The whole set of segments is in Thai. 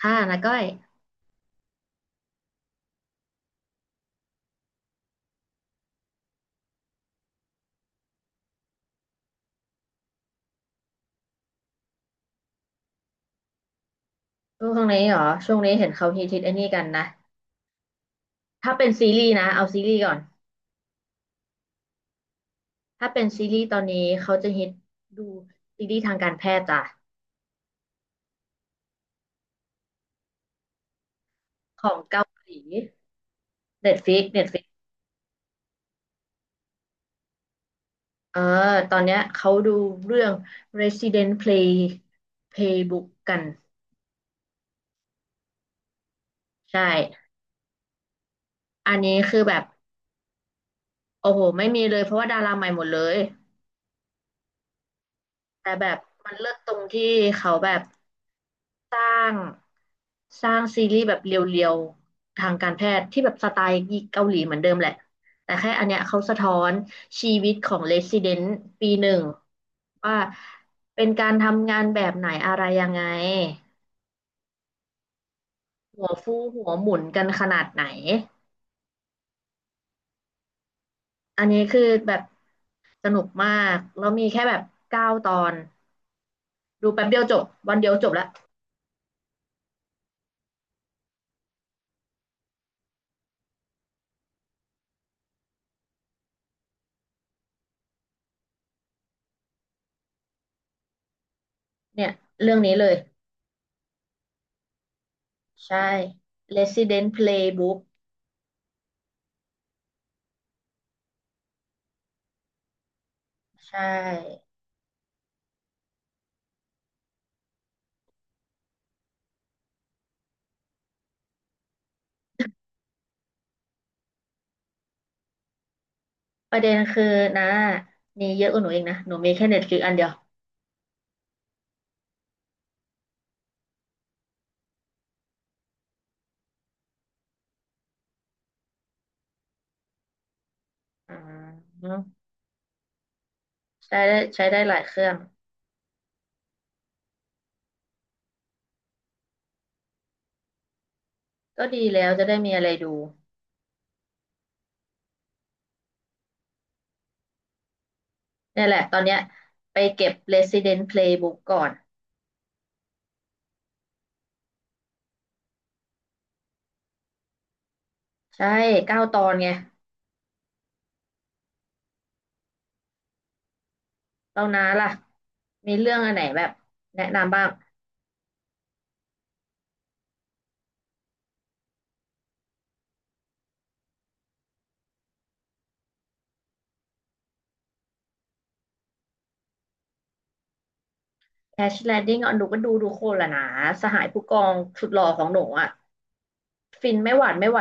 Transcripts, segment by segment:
ค่ะนะก้อยช่วงนี้เหรอช่วงนี้เห็นเขาฮิตฮิตไอ้นี่กันนะถ้าเป็นซีรีส์นะเอาซีรีส์ก่อนถ้าเป็นซีรีส์ตอนนี้เขาจะฮิตดูซีรีส์ทางการแพทย์จ้ะของเกาหลีเน็ตฟิกเน็ตฟิกเออตอนเนี้ยเขาดูเรื่อง Resident Play Playbook กันใช่อันนี้คือแบบโอ้โหไม่มีเลยเพราะว่าดาราใหม่หมดเลยแต่แบบมันเลิศตรงที่เขาแบบ สร้างสร้างซีรีส์แบบเรียวๆทางการแพทย์ที่แบบสไตล์เกาหลีเหมือนเดิมแหละแต่แค่อันเนี้ยเขาสะท้อนชีวิตของเ e ส i ิเดน t ปีหนึ่งว่าเป็นการทำงานแบบไหนอะไรยังไงหัวฟูหัวหมุนกันขนาดไหนอันนี้คือแบบสนุกมากแล้วมีแค่แบบเก้าตอนดูแป๊บเดียวจบวันเดียวจบละเนี่ยเรื่องนี้เลยใช่ Resident Playbook ใช่ ประเด็นคือนะมีเยอะกว่าหนูเองนะหนูมีแค่เน็ตฟลิกอันเดียวอืมใช้ได้หลายเครื่องก็ดีแล้วจะได้มีอะไรดูเนี่ยแหละตอนเนี้ยไปเก็บ Resident Playbook ก่อนใช่เก้าตอนไงเราน้าล่ะมีเรื่องอันไหนแบบแนะนำบ้าง Crash Landing อ่ะหนูก็ดูดูโคตรละนะสหายผู้กองสุดหล่อของหนูอ่ะฟินไม่หวานไม่ไหว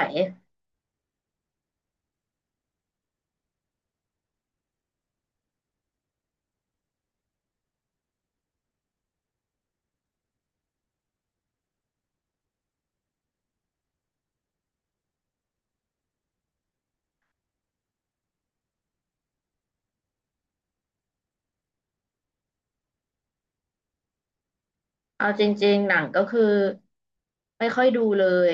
เอาจริงๆหนังก็คือไม่ค่อยดูย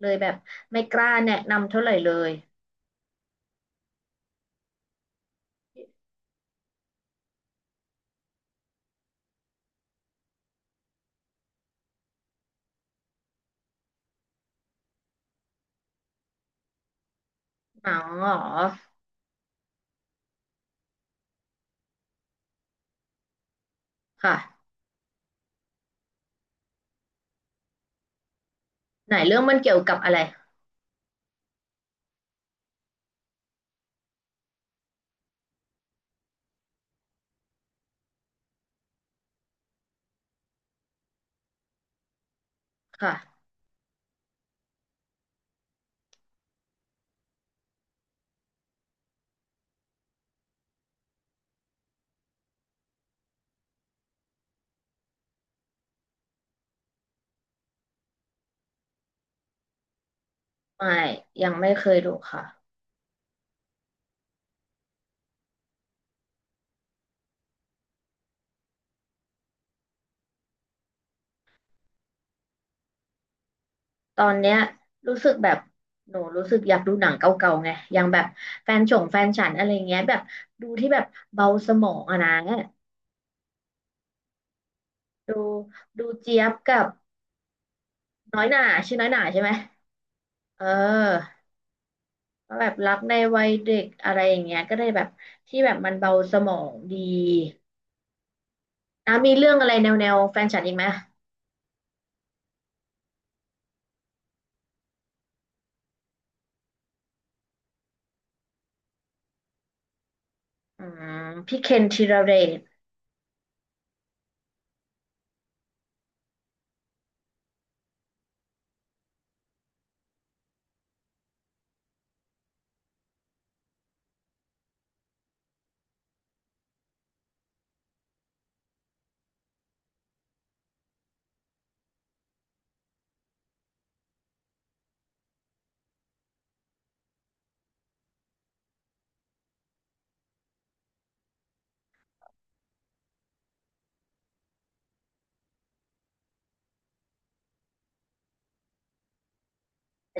เลยแบบไม่กล้าแนะนำเท่าไหร่เลยหนังเหรอค่ะไหนเรื่องมันเกี่ยวกับอะไรค่ะไม่ยังไม่เคยดูค่ะตอนเนี้ยรู้สึกแบบหนูรู้สึกอยากดูหนังเก่าๆไงอย่างแบบแฟนฉงแฟนฉันอะไรเงี้ยแบบดูที่แบบเบาสมองอะนะดูดูเจี๊ยบกับน้อยหน่าชื่อน้อยหน่าใช่ไหมเออ แบบรักในวัยเด็กอะไรอย่างเงี้ยก็ได้แบบที่แบบมันเบาสมองดีอ่ะมีเรื่องอะไรแนวแฟนฉันอีกไหมอืมพี่เคนธีรเดช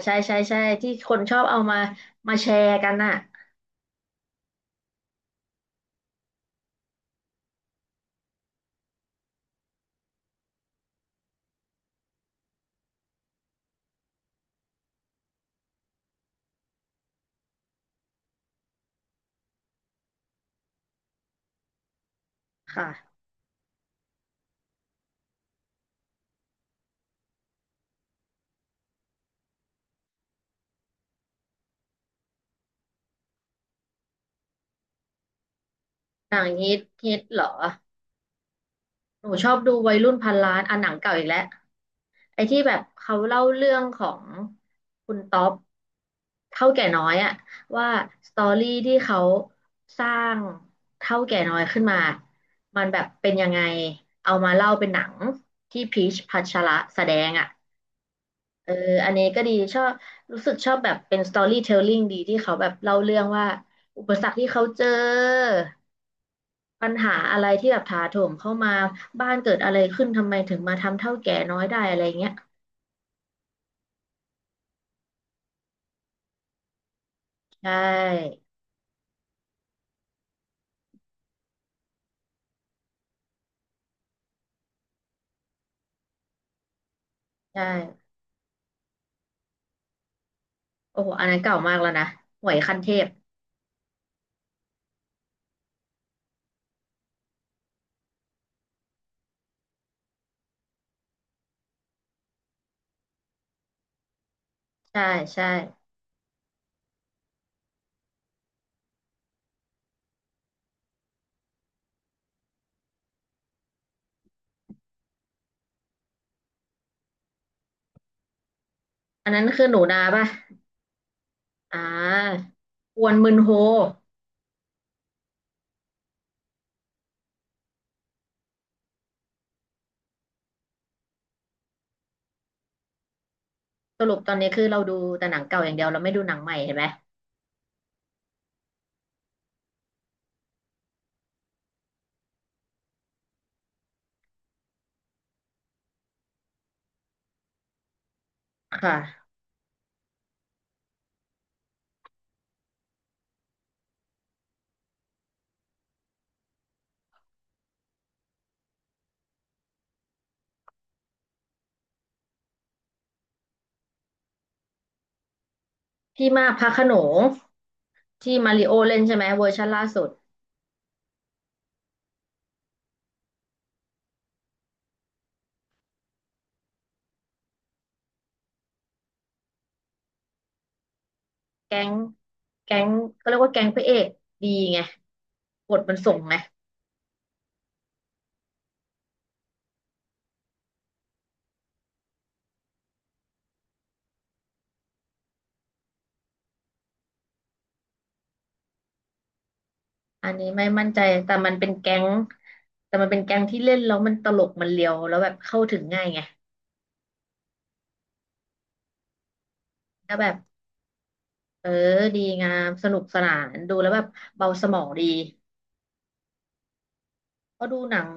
ใช่ใช่ใช่ที่คนชอบเอามาแชร์กันน่ะค่ะหนังฮิตฮิตเหรอหนูชอบดูวัยรุ่นพันล้านอ่ะหนังเก่าอีกแล้ว ไอ้ที่แบบเขาเล่าเรื่องของคุณต๊อปเท่าแก่น้อยอะว่าสตอรี่ที่เขาสร้างเท่าแก่น้อยขึ้นมามันแบบเป็นยังไงเอามาเล่าเป็นหนังที่พีชพัชระแสดงอะเอออันนี้ก็ดีชอบรู้สึกชอบแบบเป็นสตอรี่เทลลิ่งดีที่เขาแบบเล่าเรื่องว่าอุปสรรคที่เขาเจอปัญหาอะไรที่แบบถาโถมเข้ามาบ้านเกิดอะไรขึ้นทำไมถึงมาทำเท่าแก่น้อยได้อะไรเงี้ยใช่ ใช่โอ้โหอันนั้นเก่ามากแล้วนะหวยขั้นเทพใช่ใช่อันนั้นคือหนูนาป่ะอ่ากวนมึนโฮสรุปตอนนี้คือเราดูแต่หนังเก่าอย่างเดียวเราไม่ดูหนังใหม่เห็นไหมค่ะพี่มากพระโขนงที่มาริโอเล่นใช่ไหมเวอร์ชันล่าสุดแก๊งแก๊งก็เรียกว่าแก๊งพระเอกดีไงบทมันส่งไงอันนี้ไม่มั่นใจแต่มันเป็นแก๊งแต่มันเป็นแก๊งที่เล่นแล้วมันตลกมันเลียวแล้วแบบเข้าถึงง่ายไงแล้วแบบ เออดีงามสนุกสนานดูแล้วแบบเบาสมองดีเพราะดูหนัง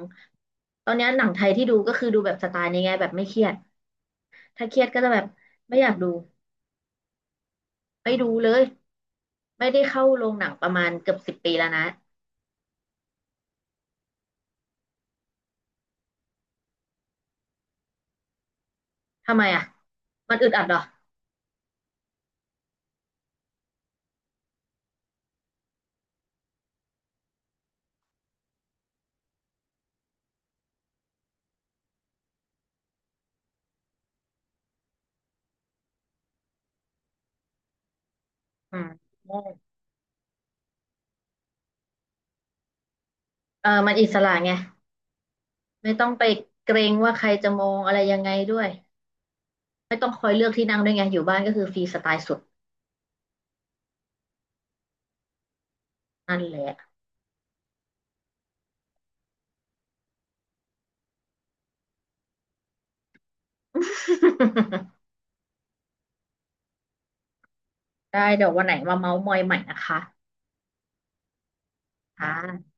ตอนเนี้ยหนังไทยที่ดูก็คือดูแบบสไตล์นี้ไงแบบไม่เครียด ถ้าเครียดก็จะแบบไม่อยากดูไม่ดูเลยไม่ได้เข้าโรงหนังประมาณเกือบ10 ปีแล้วนะทำไมอ่ะมันอึดอัดเหรออืมเออมันอิสระไงไม่ต้องไปเกรงว่าใครจะมองอะไรยังไงด้วยไม่ต้องคอยเลือกที่นั่งด้วยไงอยู่บ้านก็คือฟรีสไตล์สุดนั่นแหละ ได้เดี๋ยววันไหนมาเมาท์มอยใหม่นะคะค่ะ